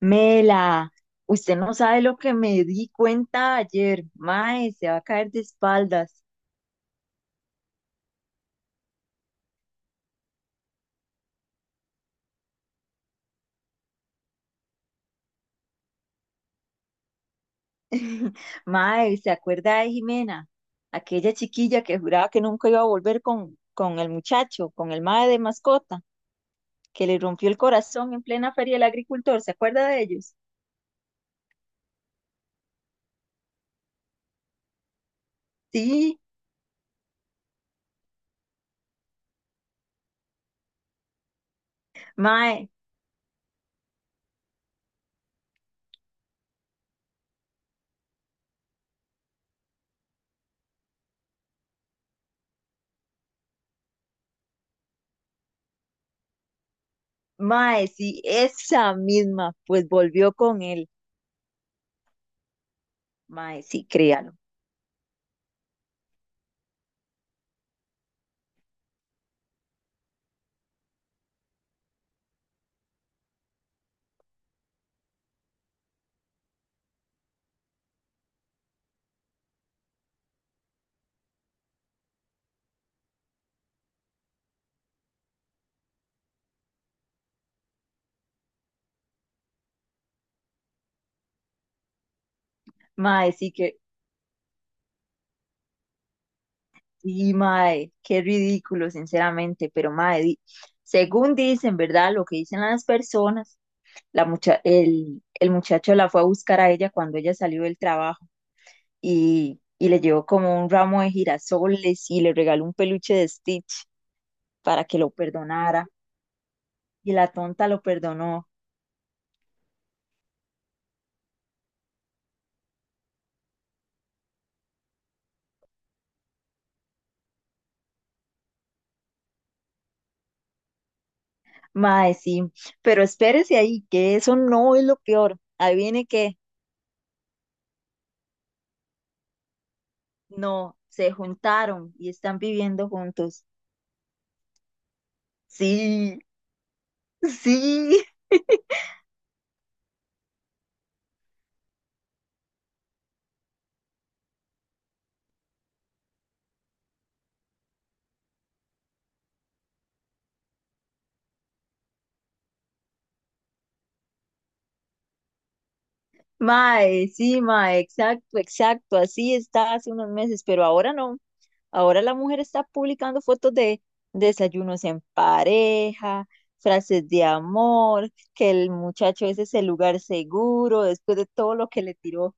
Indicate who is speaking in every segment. Speaker 1: Mela, usted no sabe lo que me di cuenta ayer. Mae, se va a caer de espaldas. Mae, ¿se acuerda de Jimena? Aquella chiquilla que juraba que nunca iba a volver con el muchacho, con el mae de mascota, que le rompió el corazón en plena feria del agricultor. ¿Se acuerda de ellos? Sí, mae, mae, sí, esa misma, pues volvió con él. Mae, sí, créalo. Mae, sí, que Sí, mae, qué ridículo, sinceramente, pero mae, según dicen, ¿verdad? Lo que dicen las personas, el muchacho la fue a buscar a ella cuando ella salió del trabajo y le llevó como un ramo de girasoles y le regaló un peluche de Stitch para que lo perdonara y la tonta lo perdonó. Mae, sí, pero espérese ahí, que eso no es lo peor. Ahí viene que no, se juntaron y están viviendo juntos. Sí. Sí, mae, sí, mae, exacto, exacto, así está hace unos meses, pero ahora no. Ahora la mujer está publicando fotos de desayunos en pareja, frases de amor, que el muchacho ese es el lugar seguro después de todo lo que le tiró.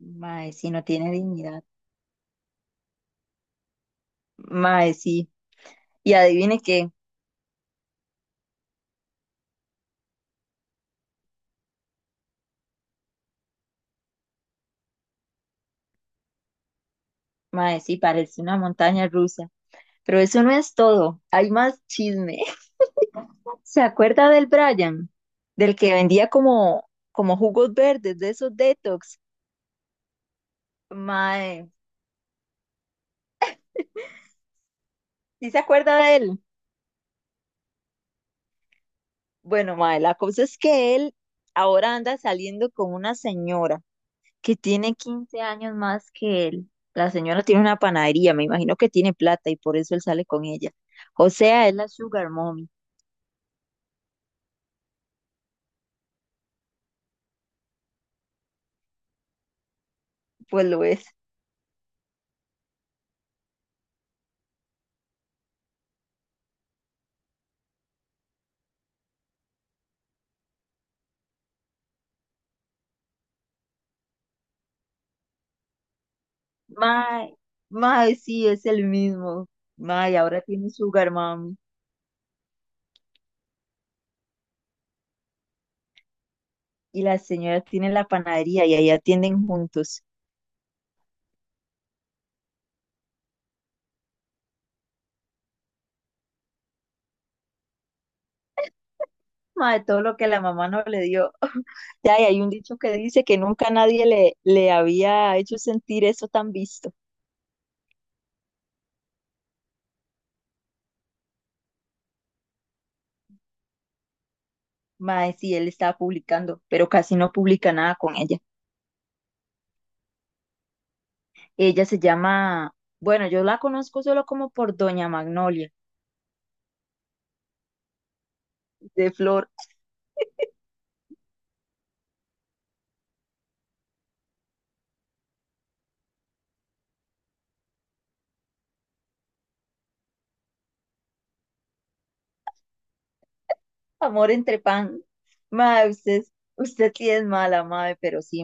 Speaker 1: Mae, sí, no tiene dignidad. Mae, sí. Y adivine qué, mae, sí, parece una montaña rusa. Pero eso no es todo, hay más chisme. ¿Se acuerda del Brian? Del que vendía como jugos verdes, de esos detox. Mae, ¿sí se acuerda de él? Bueno, mae, la cosa es que él ahora anda saliendo con una señora que tiene 15 años más que él. La señora tiene una panadería, me imagino que tiene plata y por eso él sale con ella. O sea, es la Sugar Mommy, pues lo es. Mae, mae, sí, es el mismo. Mae, ahora tiene Sugar Mommy. Y la señora tiene la panadería y ahí atienden juntos. Madre, todo lo que la mamá no le dio. Ya, y hay un dicho que dice que nunca nadie le había hecho sentir eso tan visto. Madre, sí, él estaba publicando, pero casi no publica nada con ella. Ella se llama, bueno, yo la conozco solo como por Doña Magnolia, de Flor, Amor entre Pan. Madre, usted, usted sí es mala, madre, pero sí.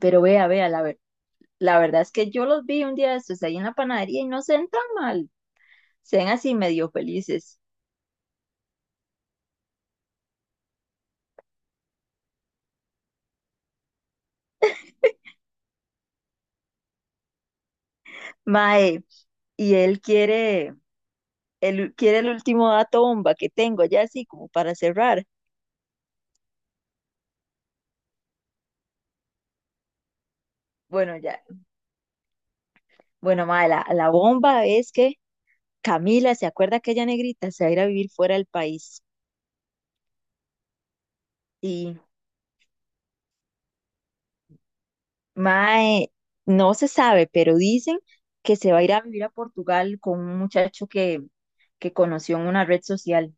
Speaker 1: Pero la verdad es que yo los vi un día de estos ahí en la panadería y no se ven tan mal. Sean así medio felices. Mae, y él quiere el último dato bomba que tengo, ya así como para cerrar. Bueno, ya, bueno, mae, la bomba es que Camila, ¿se acuerda aquella negrita? Se va a ir a vivir fuera del país. Y mae, no se sabe, pero dicen que se va a ir a vivir a Portugal con un muchacho que conoció en una red social.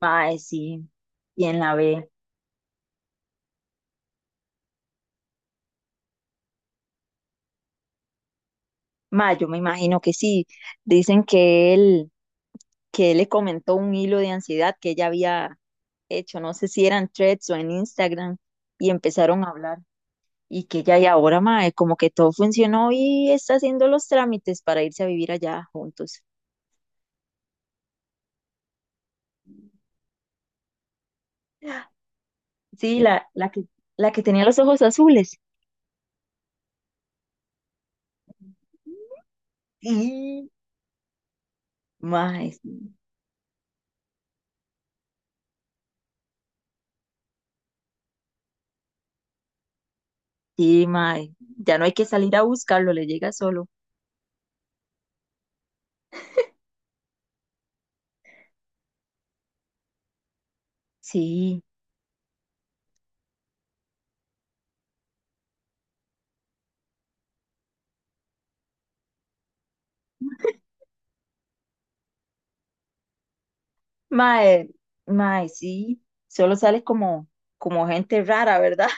Speaker 1: Mae, sí, ¿quién la ve? Mae, yo me imagino que sí. Dicen que él le comentó un hilo de ansiedad que ella había hecho, no sé si eran threads o en Instagram, y empezaron a hablar. Y que ella, y ahora, mae, como que todo funcionó y está haciendo los trámites para irse a vivir allá juntos. Sí, la que tenía los ojos azules. Sí, mae, sí, sí, mae. Ya no hay que salir a buscarlo, le llega solo. Sí, mae, mae, sí. Solo sale como, como gente rara, ¿verdad?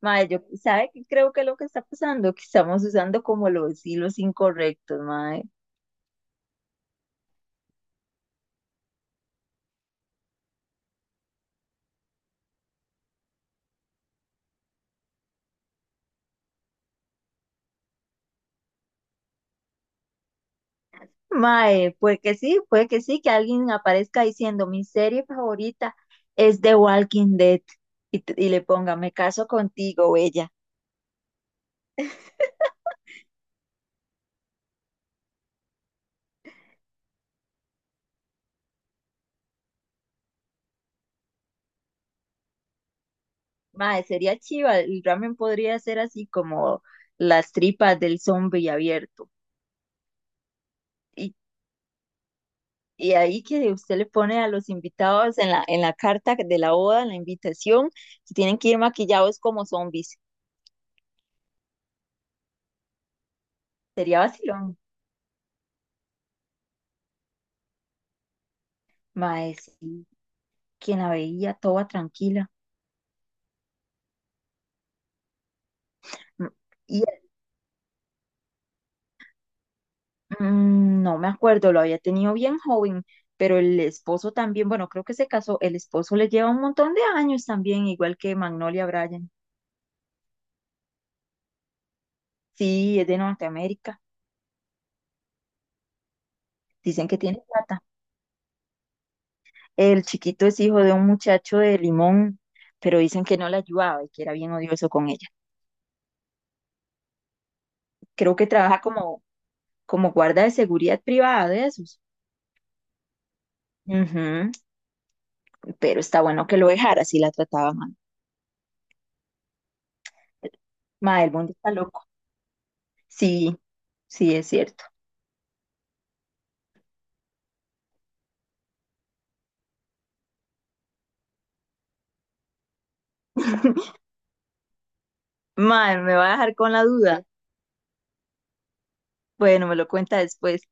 Speaker 1: Mae, yo, ¿sabe qué creo que es lo que está pasando? Que estamos usando como los hilos incorrectos, mae. Mae, puede que sí, que alguien aparezca diciendo, mi serie favorita es The Walking Dead, y, y le ponga, me caso contigo, ella Mae, sería chiva, el ramen podría ser así como las tripas del zombie abierto. Y, y ahí que usted le pone a los invitados en la carta de la boda, en la invitación, que tienen que ir maquillados como zombies. Sería vacilón. Mae, sí, quien la veía toda tranquila. M- Y no me acuerdo, lo había tenido bien joven, pero el esposo también, bueno, creo que se casó, el esposo le lleva un montón de años también, igual que Magnolia Bryan. Sí, es de Norteamérica, dicen que tiene plata. El chiquito es hijo de un muchacho de Limón, pero dicen que no la ayudaba y que era bien odioso con ella. Creo que trabaja como, como guarda de seguridad privada de esos. Ujú, pero está bueno que lo dejara si la trataba mal. Ma, el mundo está loco. Sí, sí, es cierto. Ma, me va a dejar con la duda. Bueno, me lo cuenta después.